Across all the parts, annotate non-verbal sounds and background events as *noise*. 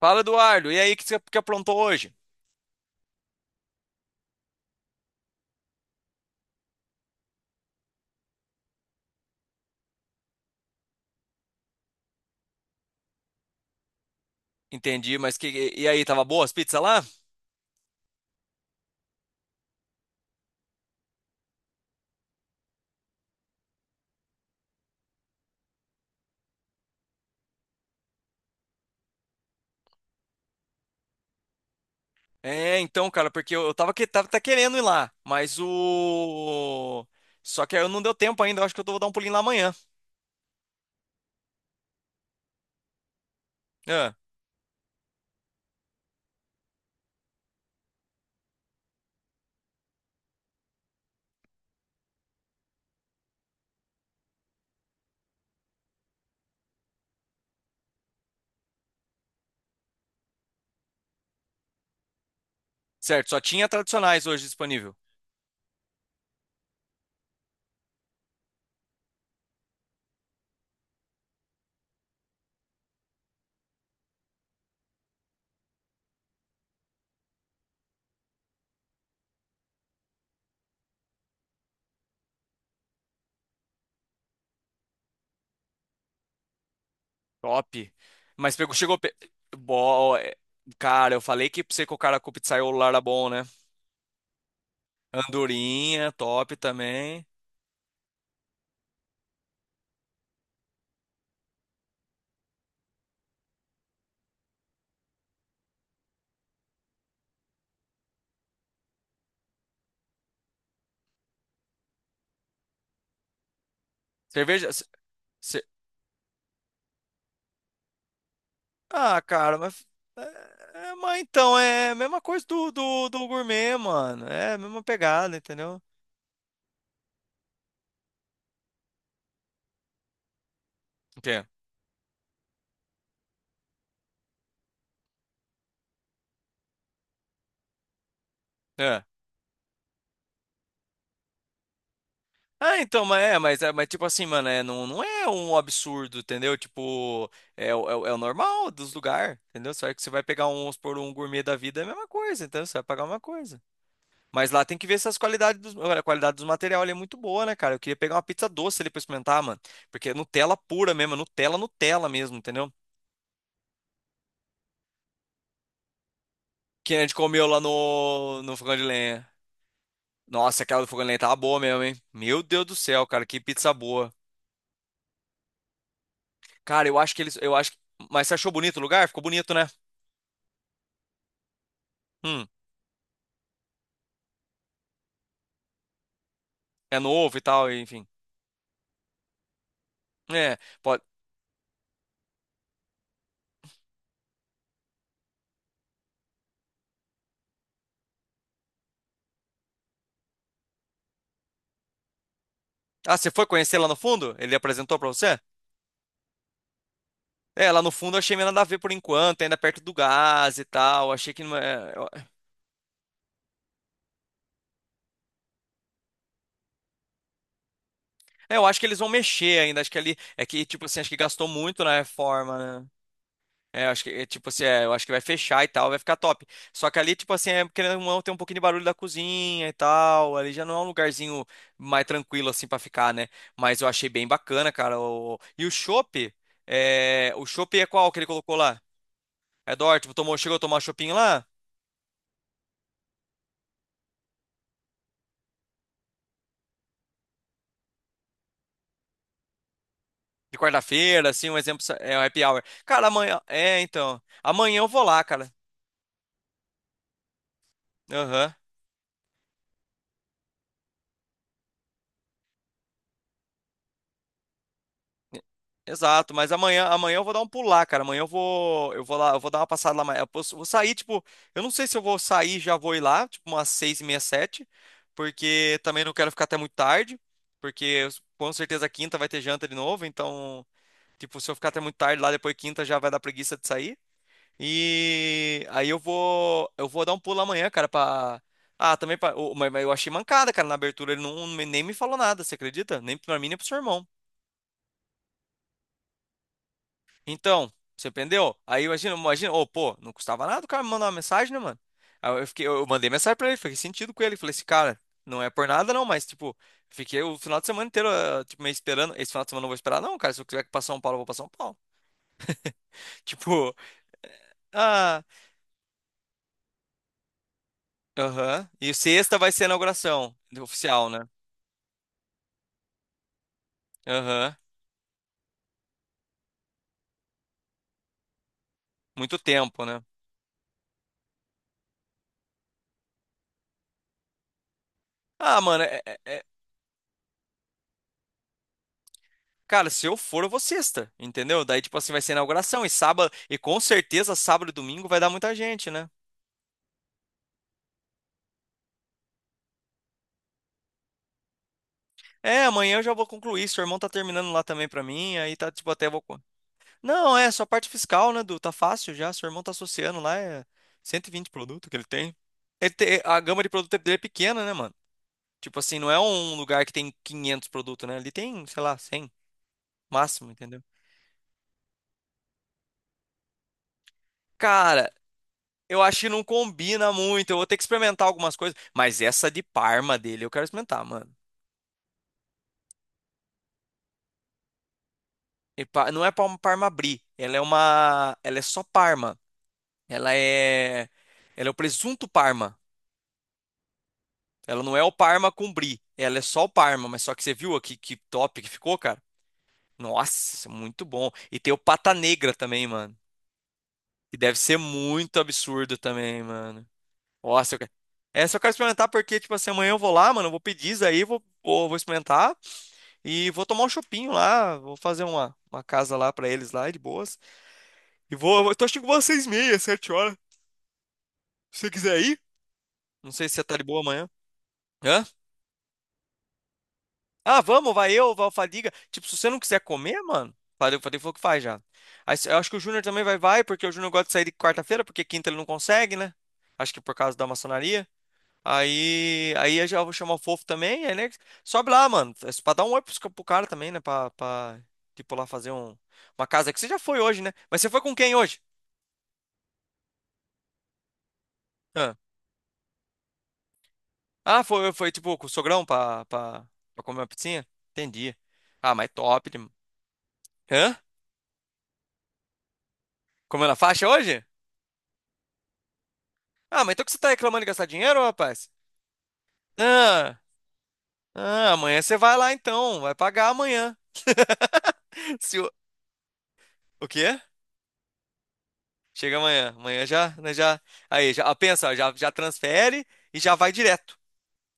Fala, Eduardo. E aí, o que você que aprontou hoje? Entendi, mas que e aí, tava boa as pizzas lá? É, então, cara, porque eu tava querendo ir lá, mas o só que eu não deu tempo ainda, eu acho que eu vou dar um pulinho lá amanhã. Ah, certo, só tinha tradicionais hoje disponível. Top. Mas pegou, chegou pe- Bo... é, Cara, eu falei que pra você que o cara com o pizzaiolo lá era bom, né? Andorinha, top também. Cerveja, Ah, cara. É, é, mas então, é a mesma coisa do gourmet, mano. É a mesma pegada, entendeu? O quê? É. Ah, então, mas tipo assim, mano, não, não é um absurdo, entendeu? Tipo, o é o normal dos lugares, entendeu? Só que você vai pegar um, vamos supor, um gourmet da vida, é a mesma coisa, entendeu? Você vai pagar uma coisa. Mas lá tem que ver se as qualidades dos, olha, a qualidade dos materiais ali é muito boa, né, cara? Eu queria pegar uma pizza doce ali pra experimentar, mano. Porque é Nutella pura mesmo, é Nutella, Nutella mesmo, entendeu? Que a gente comeu lá no fogão de lenha. Nossa, aquela do fogão de lenha tava boa mesmo, hein? Meu Deus do céu, cara, que pizza boa. Cara, eu acho que eles. Mas você achou bonito o lugar? Ficou bonito, né? Hum, é novo e tal, e enfim. É, pode. Ah, você foi conhecer lá no fundo? Ele apresentou pra você? É, lá no fundo eu achei meio nada a ver por enquanto, ainda perto do gás e tal. Achei que não. Eu acho que eles vão mexer ainda. Acho que ali. É que, tipo assim, acho que gastou muito na reforma, né? É, eu acho que, é, tipo assim, é, eu acho que vai fechar e tal, vai ficar top. Só que ali, tipo assim, querendo ou não, tem um pouquinho de barulho da cozinha e tal. Ali já não é um lugarzinho mais tranquilo, assim, pra ficar, né? Mas eu achei bem bacana, cara. E o chopp, o chopp é qual que ele colocou lá? Chegou a tomar chopinho lá? De quarta-feira, assim, um exemplo, é o happy hour. Cara, amanhã, é, então, amanhã eu vou lá, cara. Aham. Exato, mas amanhã eu vou dar um pulo lá, cara. Amanhã eu vou dar uma passada lá amanhã. Vou sair, tipo, eu não sei se eu vou sair, já vou ir lá, tipo, umas 6h30, 7, porque também não quero ficar até muito tarde, porque eu- com certeza quinta vai ter janta de novo, então, tipo, se eu ficar até muito tarde lá, depois quinta já vai dar preguiça de sair. E aí eu vou dar um pulo amanhã, cara, pra... Ah, também pra... Mas eu achei mancada, cara, na abertura, ele não, nem me falou nada, você acredita? Nem pra mim, nem pro seu irmão. Então, você entendeu? Aí imagina, imagina, ô, pô, não custava nada o cara me mandar uma mensagem, né, mano? Aí eu mandei mensagem pra ele, fiquei sentido com ele, falei assim, cara, não é por nada não, mas tipo, fiquei o final de semana inteiro, ah, tipo, meio esperando, esse final de semana eu não vou esperar não, cara, se eu tiver que ir pra São Paulo, eu vou pra São Paulo. *laughs* Tipo, ah, aham. E sexta vai ser a inauguração oficial, né? Aham. Muito tempo, né? Ah, mano. Cara, se eu for, eu vou sexta, entendeu? Daí, tipo assim, vai ser a inauguração e sábado, e com certeza sábado e domingo vai dar muita gente, né? É, amanhã eu já vou concluir. Seu irmão tá terminando lá também pra mim, aí tá tipo até vou. Co- Não, é só parte fiscal, né, Du? Tá fácil já. Seu irmão tá associando lá, é 120 produtos que ele tem. A gama de produto dele é pequena, né, mano? Tipo assim, não é um lugar que tem 500 produtos, né? Ele tem, sei lá, 100 máximo, entendeu? Cara, eu acho que não combina muito. Eu vou ter que experimentar algumas coisas, mas essa de Parma dele eu quero experimentar, mano. Não é uma Parma Brie, ela é só Parma. Ela é, ela é o presunto Parma. Ela não é o Parma com brie. Ela é só o Parma, mas só que você viu aqui que top que ficou, cara? Nossa, isso é muito bom. E tem o pata negra também, mano. Que deve ser muito absurdo também, mano. Nossa, eu quero... É, só quero experimentar porque, tipo assim, amanhã eu vou lá, mano, eu vou pedir isso aí, vou experimentar e vou tomar um chopinho lá, vou fazer uma casa lá pra eles lá, de boas. Eu tô achando que vou às 6h30, 7 horas, se você quiser ir. Não sei se você tá de boa amanhã. Hã? Ah, vamos, vai eu, vai o Fadiga. Tipo, se você não quiser comer, mano, Fadiga, falou que faz já. Aí, eu acho que o Júnior também vai, vai, porque o Júnior gosta de sair de quarta-feira, porque quinta ele não consegue, né? Acho que por causa da maçonaria. Aí, eu já vou chamar o Fofo também, aí, né? Sobe lá, mano. É pra dar um oi pro cara também, né? Pra, tipo, lá fazer uma casa. Que você já foi hoje, né? Mas você foi com quem hoje? Ah, Ah, foi tipo com o sogrão pra comer uma pizzinha? Entendi. Ah, mas top. Hã? Comeu na faixa hoje? Ah, mas então que você tá reclamando de gastar dinheiro, rapaz? Ah, ah, amanhã você vai lá então, vai pagar amanhã. *laughs* Se o... O quê? Chega amanhã, amanhã já, né, já. Aí, já pensa, já transfere e já vai direto,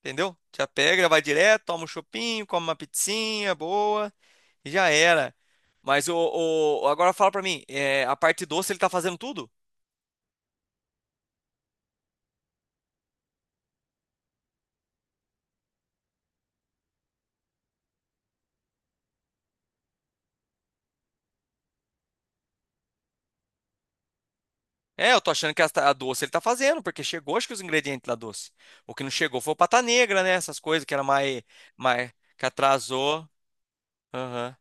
entendeu? Já pega, já vai direto, toma um chopinho, come uma pizzinha boa e já era. Mas o, agora fala pra mim, a parte doce ele tá fazendo tudo? É, eu tô achando que a doce ele tá fazendo, porque chegou, acho que os ingredientes da doce. O que não chegou foi o pata negra, né? Essas coisas que era mais, mais que atrasou. Aham.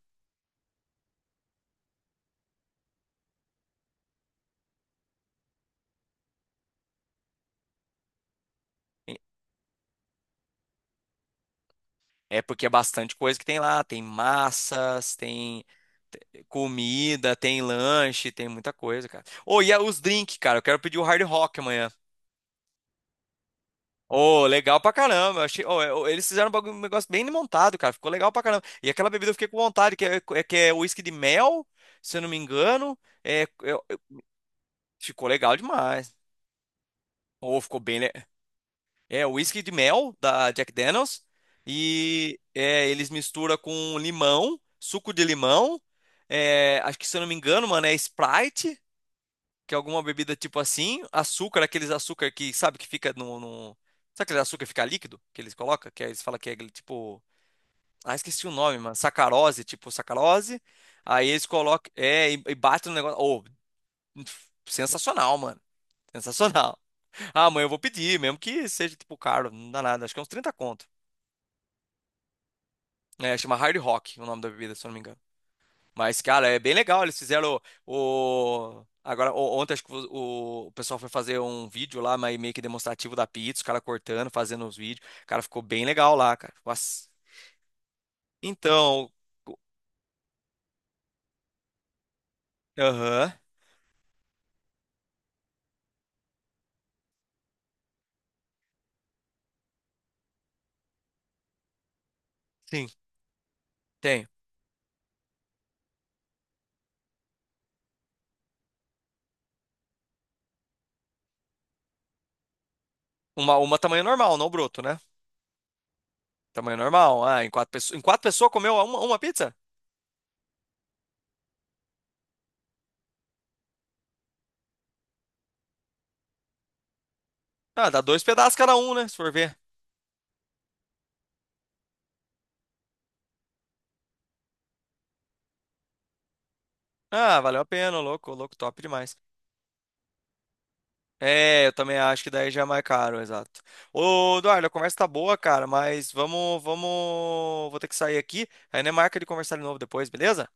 É porque é bastante coisa que tem lá. Tem massas, tem comida, tem lanche, tem muita coisa, cara. Ô, os drinks, cara. Eu quero pedir o Hard Rock amanhã. Ô, legal pra caramba. Eu Achei, ô, é, ô, eles fizeram um negócio bem montado, cara. Ficou legal pra caramba. E aquela bebida eu fiquei com vontade, que é whisky de mel, se eu não me engano. É, é Ficou legal demais. Ou ficou bem. É, o whisky de mel da Jack Daniels. Eles misturam com limão, suco de limão. Acho que se eu não me engano, mano, é Sprite, que é alguma bebida tipo assim. Açúcar, aqueles açúcar que, sabe, que fica no. Sabe aquele açúcar que fica líquido? Que eles colocam? Que aí eles falam que é aquele tipo. Ah, esqueci o nome, mano. Sacarose, tipo sacarose. Aí eles colocam. E batem no negócio. Oh, sensacional, mano. Sensacional. Ah, amanhã eu vou pedir, mesmo que seja tipo caro, não dá nada. Acho que é uns 30 conto. É, chama Hard Rock o nome da bebida, se eu não me engano. Mas, cara, é bem legal. Eles fizeram o. Agora, ontem acho que o pessoal foi fazer um vídeo lá, mas meio que demonstrativo da pizza, os caras cortando, fazendo os vídeos. Cara, ficou bem legal lá, cara. Nossa. Então. o- Aham. Sim, tem. Uma tamanho normal, não broto, né? Tamanho normal. Ah, em quatro pessoas. Em quatro pessoas comeu uma, pizza? Ah, dá dois pedaços cada um, né? Se for ver. Ah, valeu a pena, ô louco, top demais. É, eu também acho que daí já é mais caro, exato. Ô, Eduardo, a conversa tá boa, cara, mas vamos, vamos, vou ter que sair aqui. Aí não é marca de conversar de novo depois, beleza?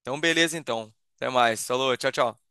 Então, beleza então. Até mais. Falou, tchau, tchau.